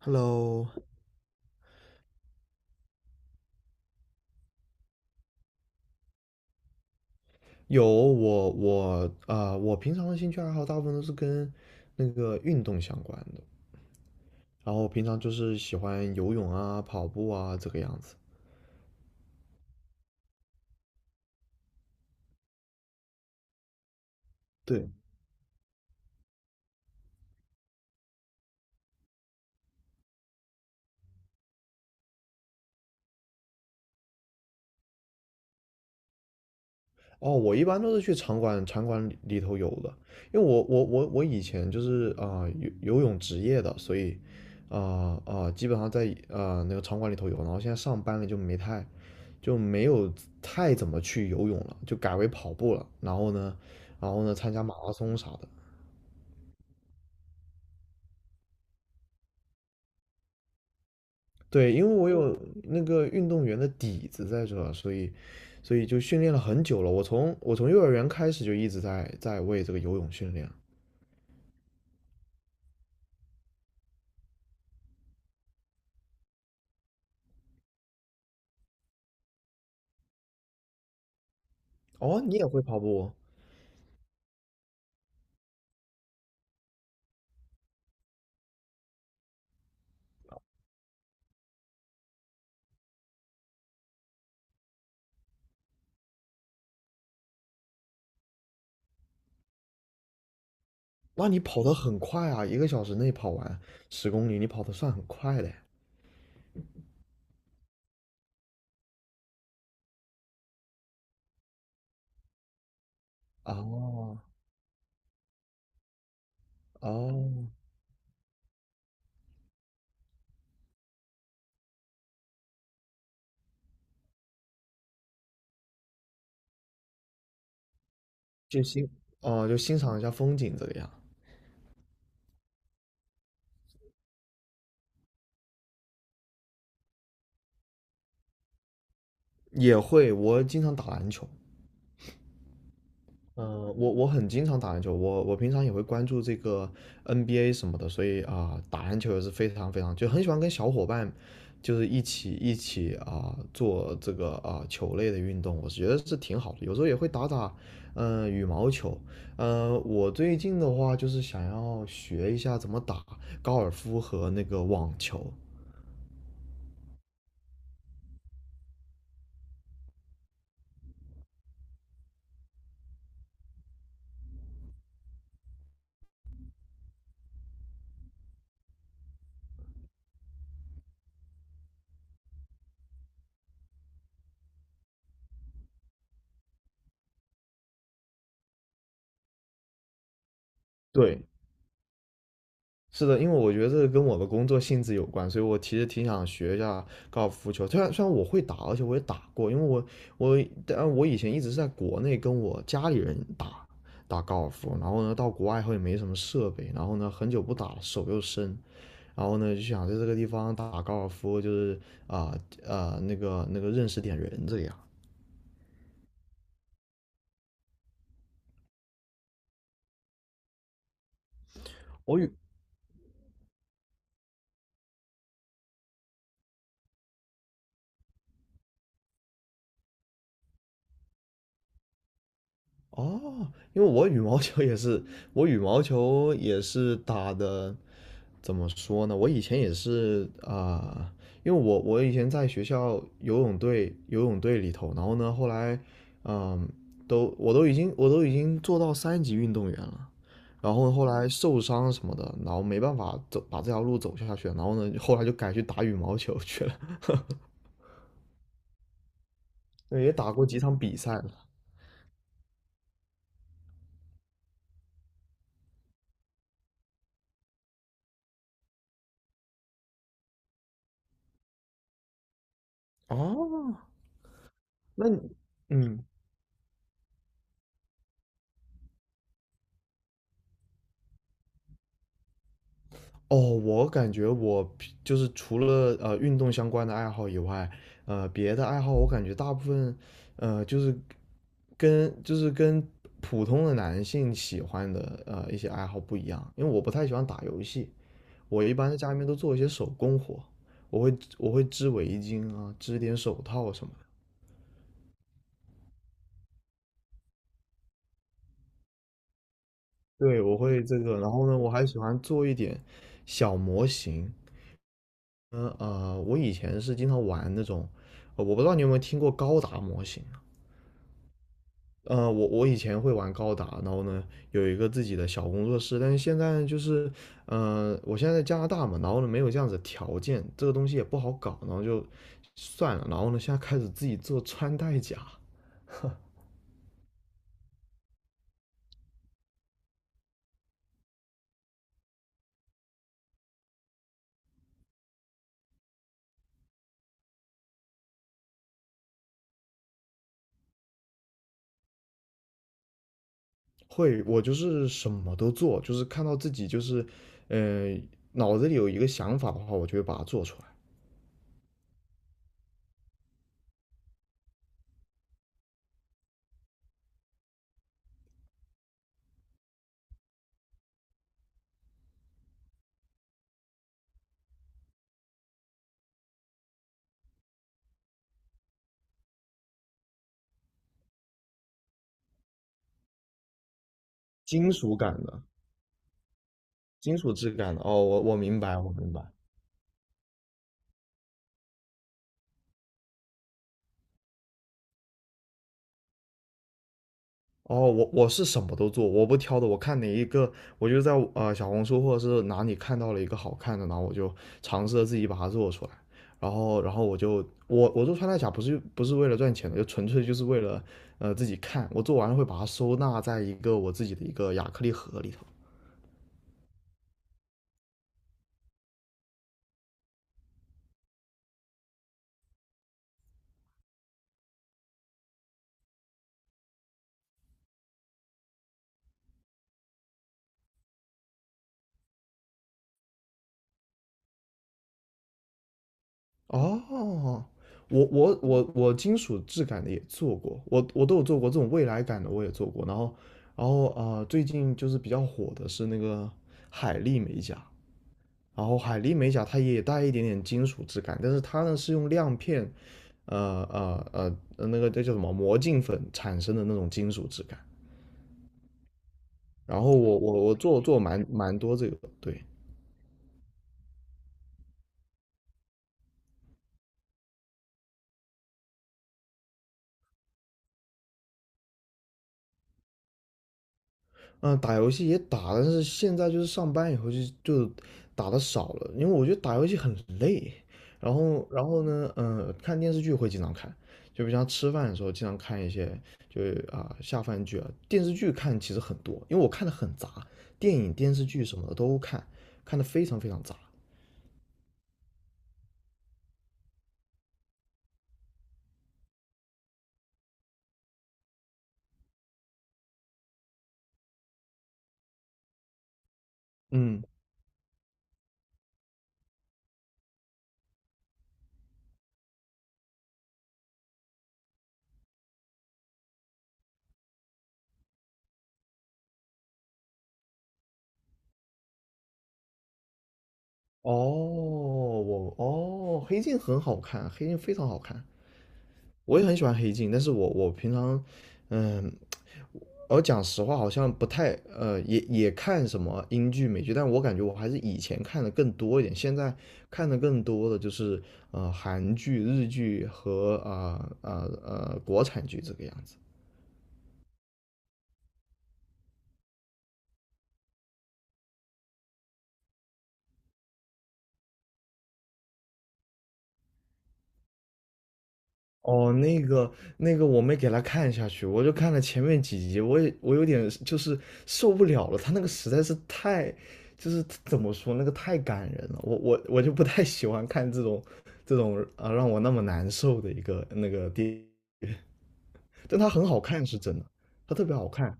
Hello,有我我啊、呃我平常的兴趣爱好大部分都是跟那个运动相关的，然后平常就是喜欢游泳啊、跑步啊这个样子。对。哦，我一般都是去场馆里头游的，因为我以前就是游游泳职业的，所以基本上在那个场馆里头游，然后现在上班了就没有太怎么去游泳了，就改为跑步了，然后呢，参加马拉松啥的。对，因为我有那个运动员的底子在这，所以，所以就训练了很久了。我从幼儿园开始就一直在为这个游泳训练。哦，你也会跑步？那你跑得很快啊！1个小时内跑完10公里，你跑得算很快的。哦哦，就欣哦,就欣赏一下风景这个样。也会，我经常打篮球。我很经常打篮球，我我平常也会关注这个 NBA 什么的，所以打篮球也是非常非常，就很喜欢跟小伙伴，就是一起做这个球类的运动，我觉得是挺好的。有时候也会打打，嗯羽毛球。我最近的话就是想要学一下怎么打高尔夫和那个网球。对，是的，因为我觉得这个跟我的工作性质有关，所以我其实挺想学一下高尔夫球。虽然我会打，而且我也打过，因为我以前一直是在国内跟我家里人打高尔夫，然后呢到国外以后也没什么设备，然后呢很久不打了，手又生，然后呢就想在这个地方打高尔夫，就是认识点人这样。我有哦，因为我羽毛球也是，我羽毛球也是打的，怎么说呢？我以前也是因为我以前在学校游泳队里头，然后呢，后来嗯，都我都已经我都已经做到3级运动员了，然后后来受伤什么的，然后没办法走把这条路走下去了，然后呢，后来就改去打羽毛球去了。对，也打过几场比赛了。哦，那你嗯。哦，我感觉我就是除了运动相关的爱好以外，别的爱好我感觉大部分，就是跟普通的男性喜欢的一些爱好不一样，因为我不太喜欢打游戏，我一般在家里面都做一些手工活，我会织围巾啊，织点手套什么的。对，我会这个，然后呢，我还喜欢做一点小模型。我以前是经常玩那种，我不知道你有没有听过高达模型。我我以前会玩高达，然后呢有一个自己的小工作室，但是现在就是，我现在在加拿大嘛，然后呢没有这样子的条件，这个东西也不好搞，然后就算了，然后呢现在开始自己做穿戴甲。我就是什么都做，就是看到自己就是，呃，脑子里有一个想法的话，我就会把它做出来。金属感的，金属质感的，哦，我明白，我明白。哦，我是什么都做，我不挑的。我看哪一个，我就在小红书或者是哪里看到了一个好看的，然后我就尝试着自己把它做出来。然后，然后我就我我做穿戴甲不是为了赚钱的，就纯粹就是为了自己看。我做完了会把它收纳在一个我自己的一个亚克力盒里头。哦，我金属质感的也做过，我都有做过这种未来感的我也做过。然后，然后最近就是比较火的是那个海丽美甲。然后海莉美甲它也带一点点金属质感，但是它呢是用亮片，那个这叫什么魔镜粉产生的那种金属质感。然后我做蛮多这个，对。嗯，打游戏也打，但是现在就是上班以后就打的少了，因为我觉得打游戏很累。然后，然后呢，嗯，看电视剧会经常看，就比如像吃饭的时候经常看一些，就是下饭剧啊，电视剧看其实很多，因为我看的很杂，电影、电视剧什么的都看，看的非常非常杂。嗯，哦,黑镜很好看，黑镜非常好看，我也很喜欢黑镜，但是我平常，嗯，我讲实话，好像不太也看什么英剧、美剧，但我感觉我还是以前看的更多一点，现在看的更多的就是韩剧、日剧和国产剧这个样子。哦，那个我没给他看下去，我就看了前面几集，我有点就是受不了了，他那个实在是太，就是怎么说那个太感人了，我就不太喜欢看这种让我那么难受的一个那个电，但她很好看是真的，她特别好看。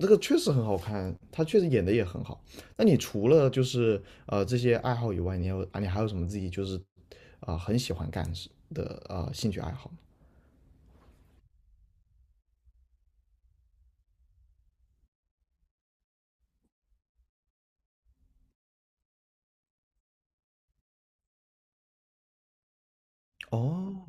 这个确实很好看，她确实演的也很好。那你除了就是这些爱好以外，你有你还有什么自己就是很喜欢干的事的兴趣爱好吗？哦，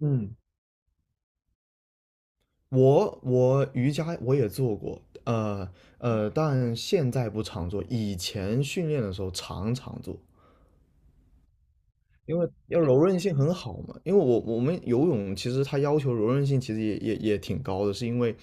嗯，我瑜伽我也做过，但现在不常做，以前训练的时候常常做。因为要柔韧性很好嘛，因为我们游泳其实它要求柔韧性其实也挺高的，是因为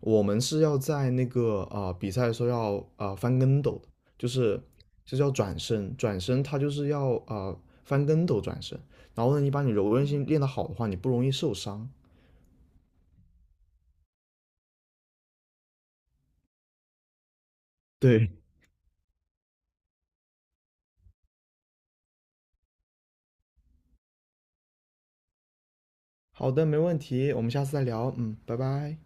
我们是要在那个比赛的时候要翻跟斗的，就是就是要转身，转身它就是要翻跟斗转身，然后呢，你把你柔韧性练得好的话，你不容易受伤。对，好的，没问题，我们下次再聊，嗯，拜拜。